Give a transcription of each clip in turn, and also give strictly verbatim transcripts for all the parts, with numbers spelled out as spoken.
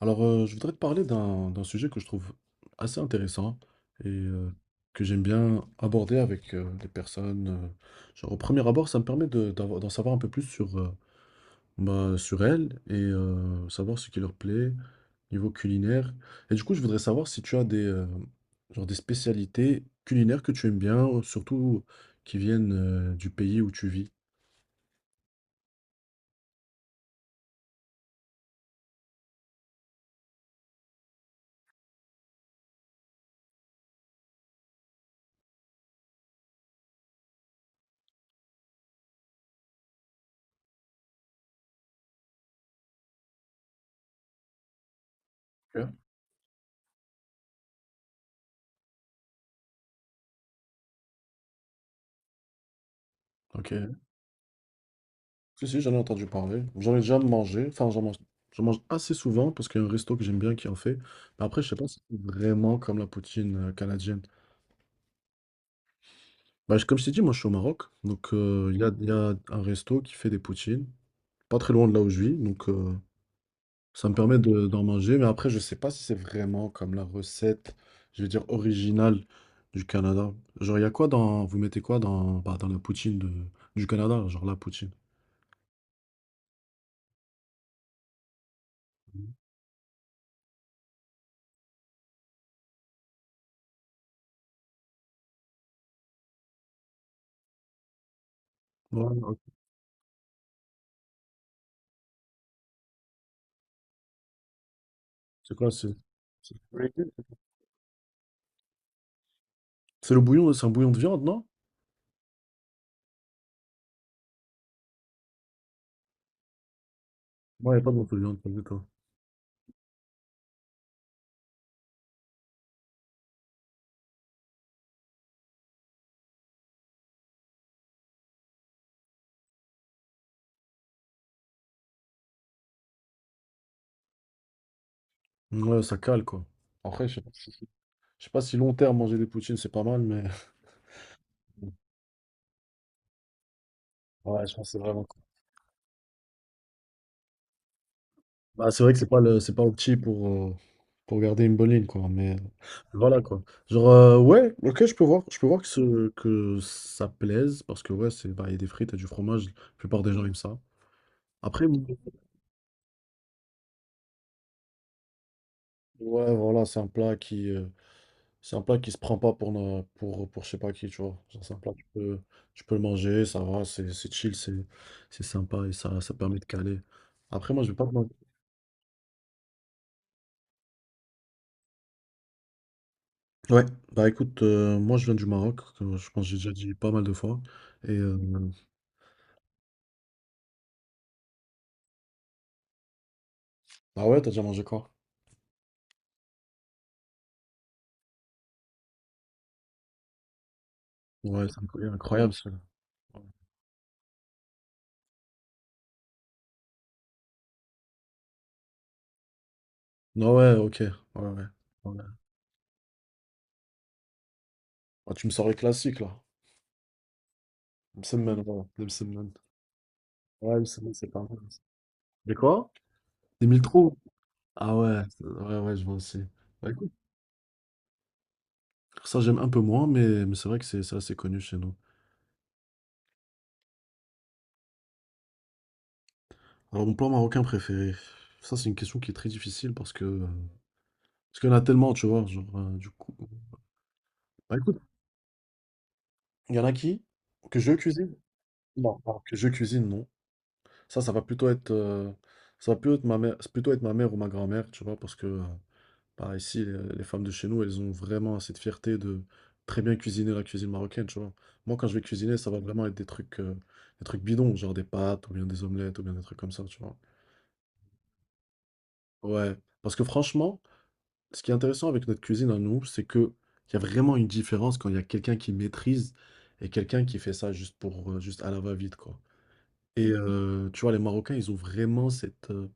Alors, euh, je voudrais te parler d'un d'un sujet que je trouve assez intéressant et euh, que j'aime bien aborder avec euh, des personnes. Euh, genre, au premier abord, ça me permet de- d'avoir- d'en savoir un peu plus sur, euh, bah, sur elles et euh, savoir ce qui leur plaît, niveau culinaire. Et du coup, je voudrais savoir si tu as des, euh, genre des spécialités culinaires que tu aimes bien, surtout qui viennent euh, du pays où tu vis. Ok. Ok. Si, si, j'en ai entendu parler. J'en ai déjà mangé. Enfin, j'en mange, j'en mange assez souvent parce qu'il y a un resto que j'aime bien qui en fait. Mais après, je sais pas si c'est vraiment comme la poutine euh, canadienne. Bah, je- comme je t'ai dit, moi, je suis au Maroc. Donc, euh, il y a, il y a un resto qui fait des poutines. Pas très loin de là où je vis. Donc, euh, ça me permet de- d'en manger. Mais après, je sais pas si c'est vraiment comme la recette, je vais dire, originale du Canada. Genre, il y a quoi dans... Vous mettez quoi dans, bah, dans la poutine de- du Canada? Genre, la poutine. Ouais, ok. C'est quoi, c'est... C'est le bouillon, c'est un bouillon de viande, non? Ouais, il n'y a pas de morceau de viande, pas du tout. Ouais, ça cale, quoi. Après, je sais pas si Je sais pas si long terme, manger des poutines, c'est pas mal, mais... Ouais, je pense que c'est vraiment. Bah, c'est vrai que c'est pas le, c'est pas opti pour, euh, pour garder une bonne ligne, quoi. Mais euh, voilà, quoi. Genre, euh, ouais, ok, je peux voir, je peux voir que, ce, que ça plaise, parce que, ouais, c'est, bah, il y a des frites et du fromage, la plupart des gens aiment ça. Après, m- ouais, voilà, c'est un plat qui, euh, c'est un plat qui se prend pas pour, na- pour, pour je sais pas qui, tu vois. Genre, c'est un plat que tu peux, tu peux le manger, ça va, c'est c'est chill, c'est c'est sympa et ça, ça permet de caler. Après, moi, je vais pas. Ouais, bah écoute, heu, moi je viens du Maroc, comme je pense que j'ai déjà dit pas mal de fois et heu Ah ouais, t'as déjà mangé quoi? Ouais, c'est incroya incroyable ça. Non, ouais, OK, ouais, ouais, ouais. Ah, tu me sors les classiques là. Les msemen, voilà, les msemen. Ouais, les msemen, c'est pas mal. Les quoi? Les mille trous. Ah ouais, c'est ouais, ouais, je vois aussi. Bah écoute, ça j'aime un peu moins, mais mais c'est vrai que c'est c'est assez connu chez nous. Alors mon plat marocain préféré, ça c'est une question qui est très difficile parce que, heu, parce qu'il y en a tellement, tu vois? Genre, heu, du coup, bah écoute. Il y en a qui? Que je cuisine? Non, pardon, que je cuisine, non. Ça, ça va plutôt être, euh, Ça va plutôt être ma mère, c'est plutôt être ma mère ou ma grand-mère, tu vois, parce que euh, bah, ici, les, les femmes de chez nous, elles ont vraiment cette fierté de très bien cuisiner la cuisine marocaine, tu vois. Moi, quand je vais cuisiner, ça va vraiment être des trucs, euh, des trucs bidons, genre des pâtes ou bien des omelettes ou bien des trucs comme ça, tu vois. Ouais, parce que franchement, ce qui est intéressant avec notre cuisine à nous, c'est que il y a vraiment une différence quand il y a quelqu'un qui maîtrise et quelqu'un qui fait ça juste pour, euh, juste à la va-vite, quoi. Et euh, tu vois, les Marocains, ils ont vraiment cette, euh,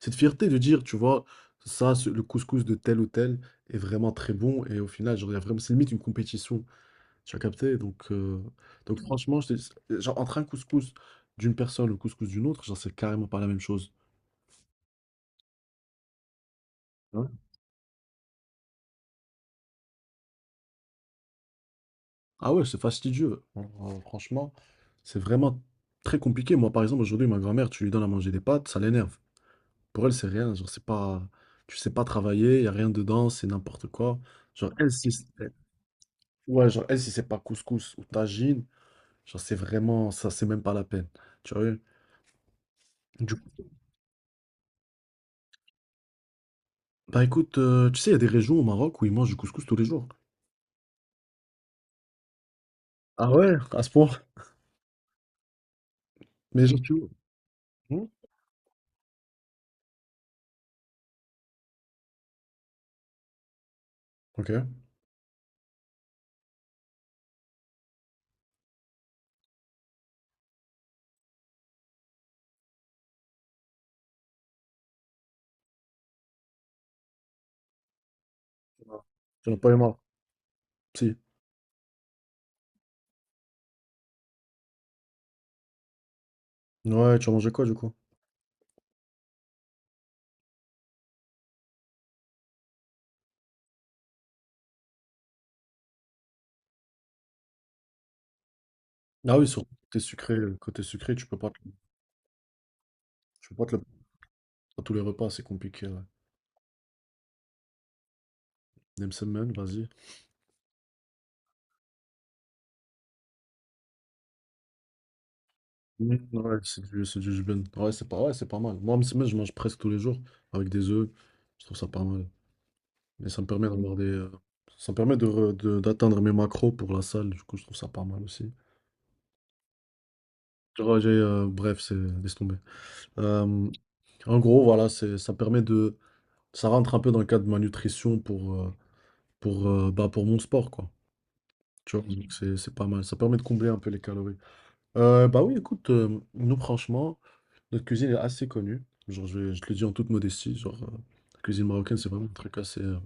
cette fierté de dire, tu vois, ça, ce- le couscous de tel ou tel est vraiment très bon. Et au final, genre, il y a vraiment, c'est limite une compétition. Tu as capté? Donc, euh, donc franchement, je te dis- genre, entre un couscous d'une personne et le couscous d'une autre, genre, c'est carrément pas la même chose. Ouais. Ah ouais, c'est fastidieux. Alors, franchement, c'est vraiment très compliqué. Moi, par exemple, aujourd'hui, ma grand-mère, tu lui donnes à manger des pâtes, ça l'énerve. Pour elle, c'est rien. Genre, c'est pas, tu sais pas travailler, il y a rien dedans, c'est n'importe quoi. Genre, elle, si- Ouais, genre, elle, si c'est pas couscous ou tagine, genre, c'est vraiment, ça, c'est même pas la peine. Tu vois? Du coup, bah écoute, euh, tu sais, il y a des régions au Maroc où ils mangent du couscous tous les jours. Ah ouais, à ce point. Mais genre, tu vois. Hmm. Ok. Tu n'as pas les marre. Si. Ouais, tu as mangé quoi, du coup? Ah oui, sur côté sucré, euh, côté sucré, tu peux pas, te- tu peux pas te le à tous les repas, c'est compliqué, ouais. Nemsemen, vas-y. Mm, Ouais, c'est du, c'est du jbin. Ouais, c'est pas, ouais, c'est pas mal. Moi, msemen, je mange presque tous les jours avec des œufs. Je trouve ça pas mal. Mais ça me permet d'avoir des, euh, ça me permet de, re- de- d'atteindre mes macros pour la salle. Du coup, je trouve ça pas mal aussi. Genre, j'ai, euh, bref, c'est, laisse tomber. Euh, en gros, voilà, c'est, ça permet de, ça rentre un peu dans le cadre de ma nutrition pour, euh, pour, euh, bah, pour mon sport, quoi. Tu vois, donc c'est, c'est pas mal. Ça permet de combler un peu les calories. Euh, bah oui, écoute, euh, nous, franchement, notre cuisine est assez connue. Genre, je, vais- je te le dis en toute modestie, genre, euh, la cuisine marocaine, c'est vraiment un truc assez, euh,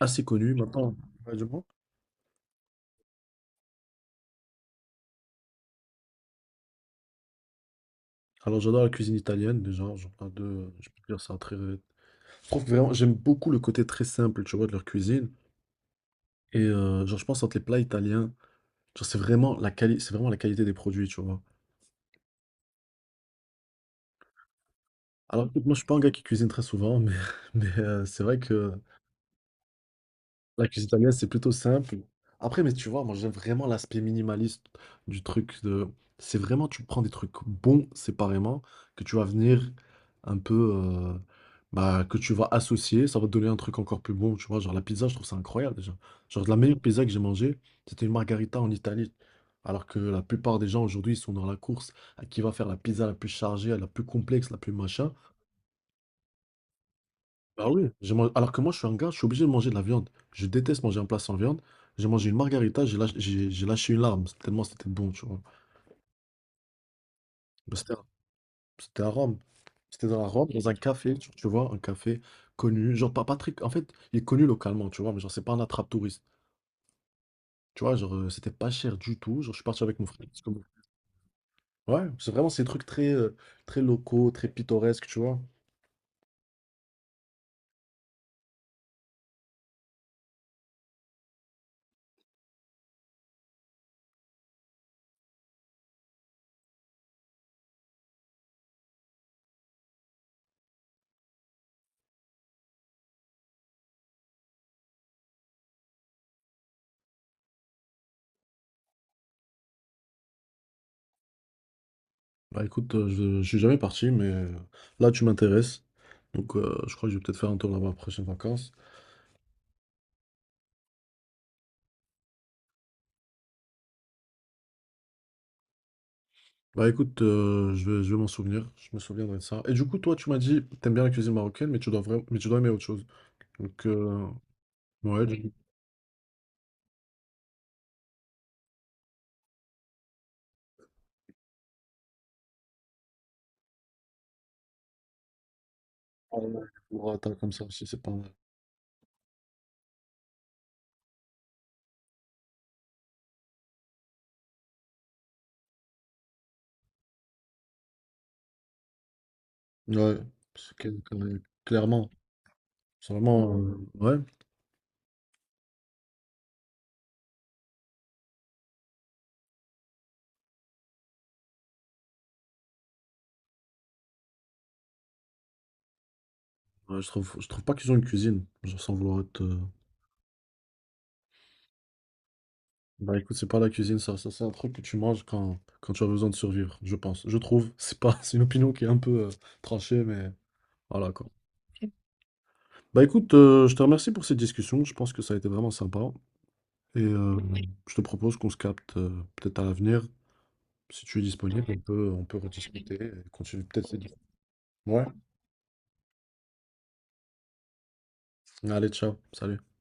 assez connu. Maintenant, ouais, dis-moi. Alors j'adore la cuisine italienne déjà, genre un deux, je peux dire ça très. Je trouve vraiment, j'aime beaucoup le côté très simple, tu vois, de leur cuisine. Et euh, genre je pense entre les plats italiens, genre c'est vraiment la quali- c'est vraiment la qualité des produits, tu vois. Alors écoute, moi je suis pas un gars qui cuisine très souvent, mais mais euh, c'est vrai que la cuisine italienne, c'est plutôt simple. Après, mais tu vois, moi, j'aime vraiment l'aspect minimaliste du truc de... C'est vraiment, tu prends des trucs bons séparément, que tu vas venir un peu... euh, bah, que tu vas associer, ça va te donner un truc encore plus bon, tu vois. Genre, la pizza, je trouve ça incroyable, déjà. Genre, la meilleure pizza que j'ai mangée, c'était une margarita en Italie. Alors que la plupart des gens, aujourd'hui, ils sont dans la course à qui va faire la pizza la plus chargée, la plus complexe, la plus machin. Bah oui, j'ai mangé- alors que moi je suis un gars, je suis obligé de manger de la viande. Je déteste manger un plat sans viande. J'ai mangé une margarita, j'ai lâ- j'ai- j'ai lâché une larme, tellement c'était bon, tu vois. Mais C'était à C'était à Rome. C'était dans la Rome, dans un café, tu, tu vois, un café connu. Genre, pas, Patrick. En fait, il est connu localement, tu vois, mais genre, c'est pas un attrape-touriste. Tu vois, genre, euh, c'était pas cher du tout. Genre, je suis parti avec mon frère. parce que- bon, Ouais, c'est vraiment ces trucs très, euh, très locaux, très pittoresques, tu vois. Bah écoute, euh, je, je suis jamais parti, mais euh, là, tu m'intéresses. Donc, euh, je crois que je vais peut-être faire un tour là-bas après prochaine vacances. Bah écoute, euh, je vais, je vais m'en souvenir, je me souviendrai de ça. Et du coup, toi, tu m'as dit, t'aimes bien la cuisine marocaine, mais tu dois vraiment, mais tu dois aimer autre chose. Donc, euh, ouais, du coup, burrata comme ça aussi, c'est pas mal. Ouais, parce que, que- clairement, c'est vraiment, euh, ouais, ouais, je trouve, je trouve pas qu'ils ont une cuisine, genre sans vouloir être. euh, Bah écoute, c'est pas la cuisine, ça, ça c'est un truc que tu manges quand, quand tu as besoin de survivre, je pense. Je trouve, c'est pas, c'est une opinion qui est un peu euh, tranchée, mais voilà quoi. Bah écoute, euh, je te remercie pour cette discussion, je pense que ça a été vraiment sympa. Et euh, oui, je te propose qu'on se capte euh, peut-être à l'avenir. Si tu es disponible, on peut, on peut rediscuter et continuer peut-être ces discussions. Ouais, allez, ciao, salut.